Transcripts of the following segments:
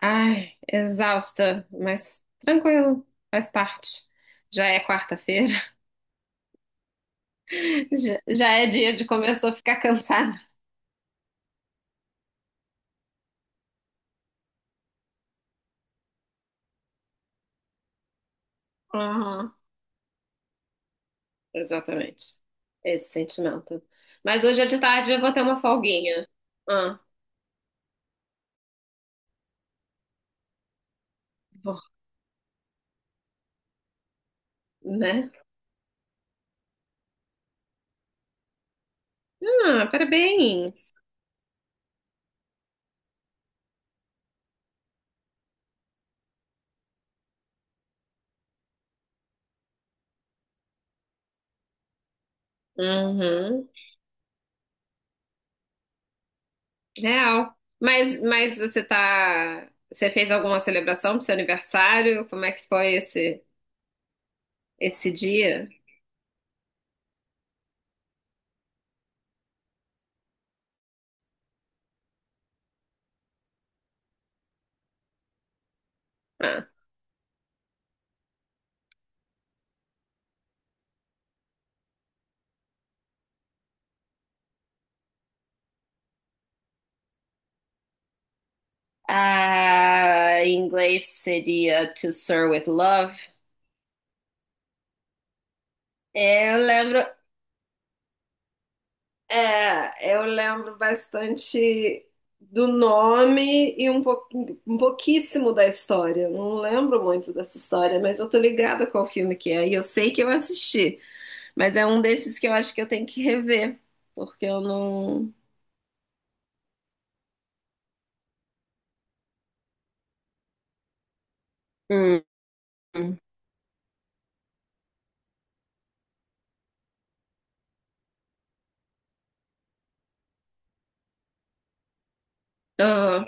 Ai, exausta, mas tranquilo, faz parte. Já é quarta-feira, já, já é dia de começar a ficar cansada. Aham, exatamente. Esse sentimento. Mas hoje é de tarde eu vou ter uma folguinha. Ah, vou, né? Ah, parabéns. Uhum, real. Mas você tá, você fez alguma celebração pro seu aniversário? Como é que foi esse, esse dia? Ah. Ah, em inglês seria To Sir with Love. É, eu lembro, é, eu lembro bastante do nome e um, um pouquíssimo da história. Eu não lembro muito dessa história, mas eu tô ligada qual filme que é. E eu sei que eu assisti, mas é um desses que eu acho que eu tenho que rever, porque eu não. Hum. Ah,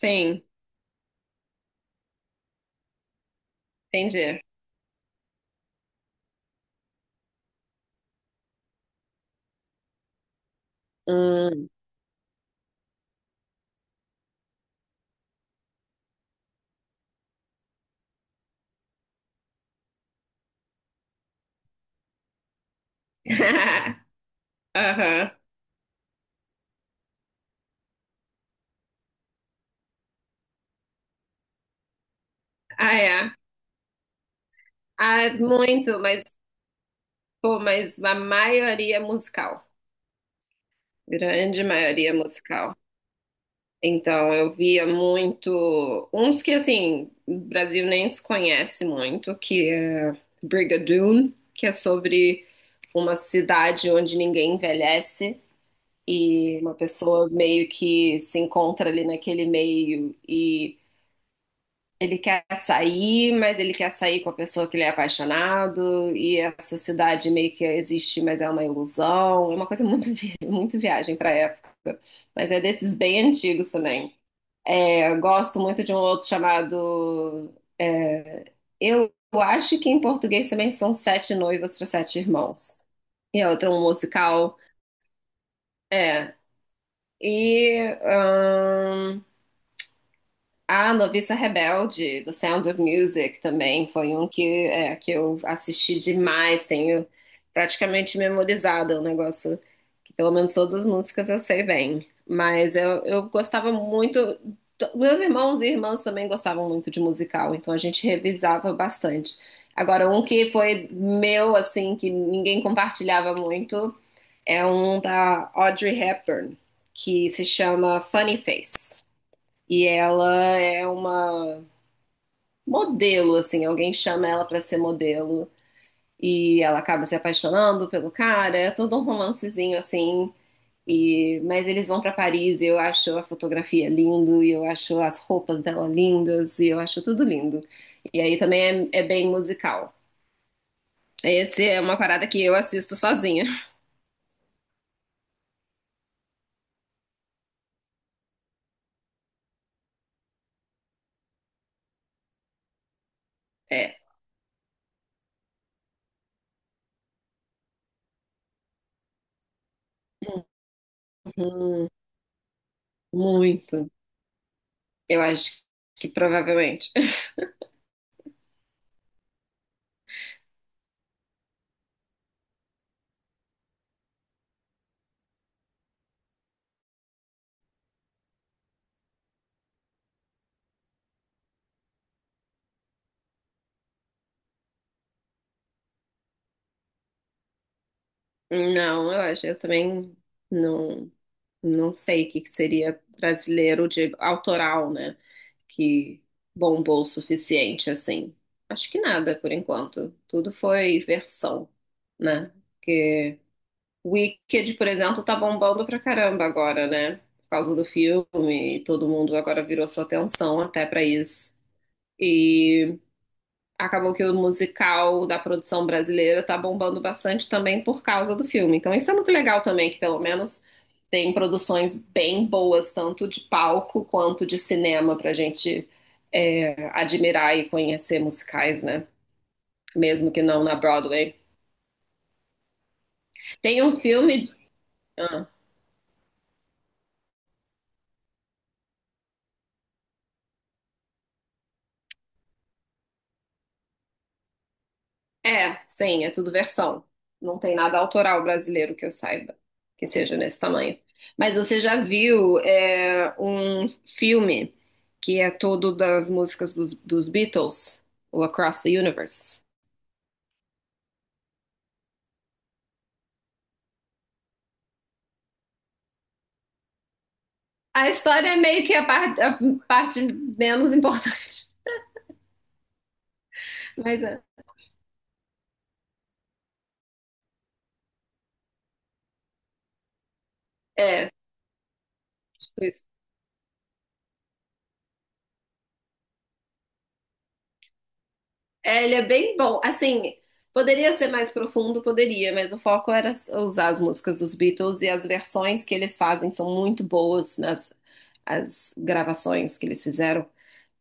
sim, entendi. Hum. Aham. Ah, é. Ah, muito, mas pô, mas a maioria é musical, grande maioria é musical. Então, eu via muito. Uns que, assim, o Brasil nem se conhece muito, que é Brigadoon, que é sobre uma cidade onde ninguém envelhece e uma pessoa meio que se encontra ali naquele meio e ele quer sair, mas ele quer sair com a pessoa que ele é apaixonado, e essa cidade meio que existe, mas é uma ilusão. É uma coisa muito, muito viagem pra época. Mas é desses bem antigos também. É, eu gosto muito de um outro chamado. Eu acho que em português também são Sete Noivas para Sete Irmãos. E é outro um musical. É. E. A Noviça Rebelde, do Sound of Music, também foi um que, é, que eu assisti demais, tenho praticamente memorizado, é um negócio que pelo menos todas as músicas eu sei bem. Mas eu, gostava muito, meus irmãos e irmãs também gostavam muito de musical, então a gente revisava bastante. Agora, um que foi meu, assim, que ninguém compartilhava muito, é um da Audrey Hepburn, que se chama Funny Face. E ela é uma modelo, assim, alguém chama ela pra ser modelo e ela acaba se apaixonando pelo cara, é todo um romancezinho assim. E mas eles vão pra Paris e eu acho a fotografia lindo e eu acho as roupas dela lindas e eu acho tudo lindo. E aí também é, é bem musical. Esse é uma parada que eu assisto sozinha. É. Uhum, muito. Eu acho que provavelmente. Não, eu acho, eu também não. Não sei o que que seria brasileiro de autoral, né? Que bombou o suficiente, assim. Acho que nada, por enquanto. Tudo foi versão, né? Porque Wicked, por exemplo, tá bombando pra caramba agora, né? Por causa do filme, todo mundo agora virou sua atenção até pra isso. E acabou que o musical da produção brasileira tá bombando bastante também por causa do filme. Então isso é muito legal também, que pelo menos tem produções bem boas, tanto de palco quanto de cinema, pra gente é, admirar e conhecer musicais, né? Mesmo que não na Broadway. Tem um filme. Ah, é, sim, é tudo versão. Não tem nada autoral brasileiro que eu saiba que seja nesse tamanho. Mas você já viu é, um filme que é todo das músicas dos Beatles, o Across the Universe? A história é meio que a, a parte menos importante, mas é, é, tipo isso. É, ele é bem bom. Assim, poderia ser mais profundo, poderia, mas o foco era usar as músicas dos Beatles e as versões que eles fazem são muito boas nas as gravações que eles fizeram.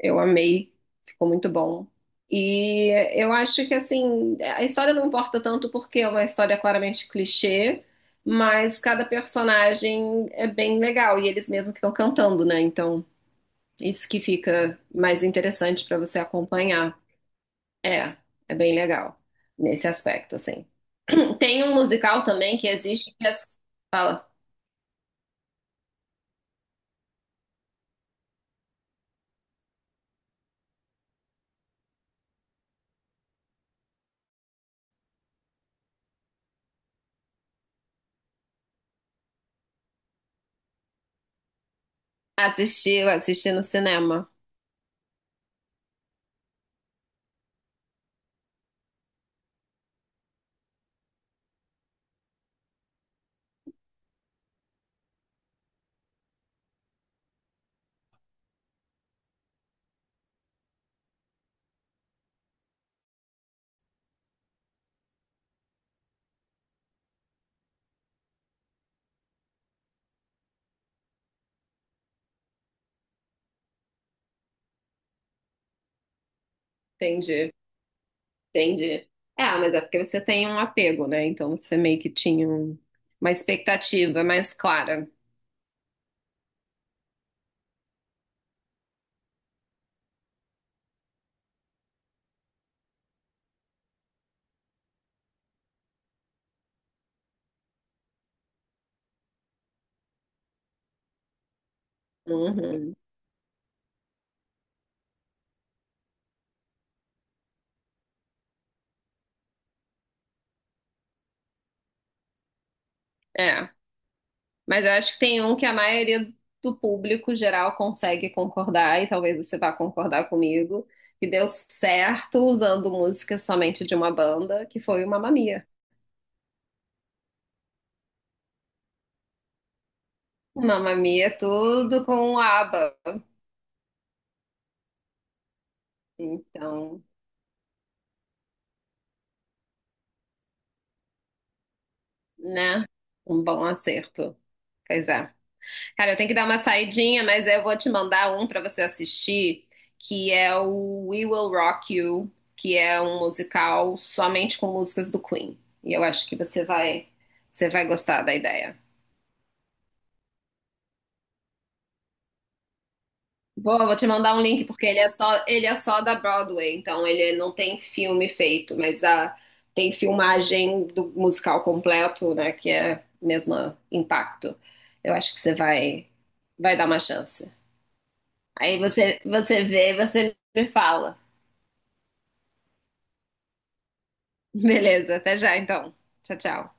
Eu amei, ficou muito bom. E eu acho que assim, a história não importa tanto porque é uma história claramente clichê, mas cada personagem é bem legal e eles mesmos que estão cantando, né? Então, isso que fica mais interessante para você acompanhar. É, é bem legal nesse aspecto, assim. Tem um musical também que existe que fala, assistiu, assisti no cinema. Entendi, entendi. É, mas é porque você tem um apego, né? Então você meio que tinha uma expectativa mais clara. Uhum. É, mas eu acho que tem um que a maioria do público geral consegue concordar, e talvez você vá concordar comigo, que deu certo usando música somente de uma banda, que foi o Mamma Mia. Mamma Mia é tudo com o ABBA. Então, né? Um bom acerto. Pois é. Cara, eu tenho que dar uma saidinha, mas eu vou te mandar um pra você assistir, que é o We Will Rock You, que é um musical somente com músicas do Queen. E eu acho que você vai gostar da ideia. Vou, vou te mandar um link porque ele é só da Broadway, então ele não tem filme feito, mas a, tem filmagem do musical completo, né, que é o mesmo impacto. Eu acho que você vai vai dar uma chance. Aí você vê, você me fala. Beleza, até já então. Tchau, tchau.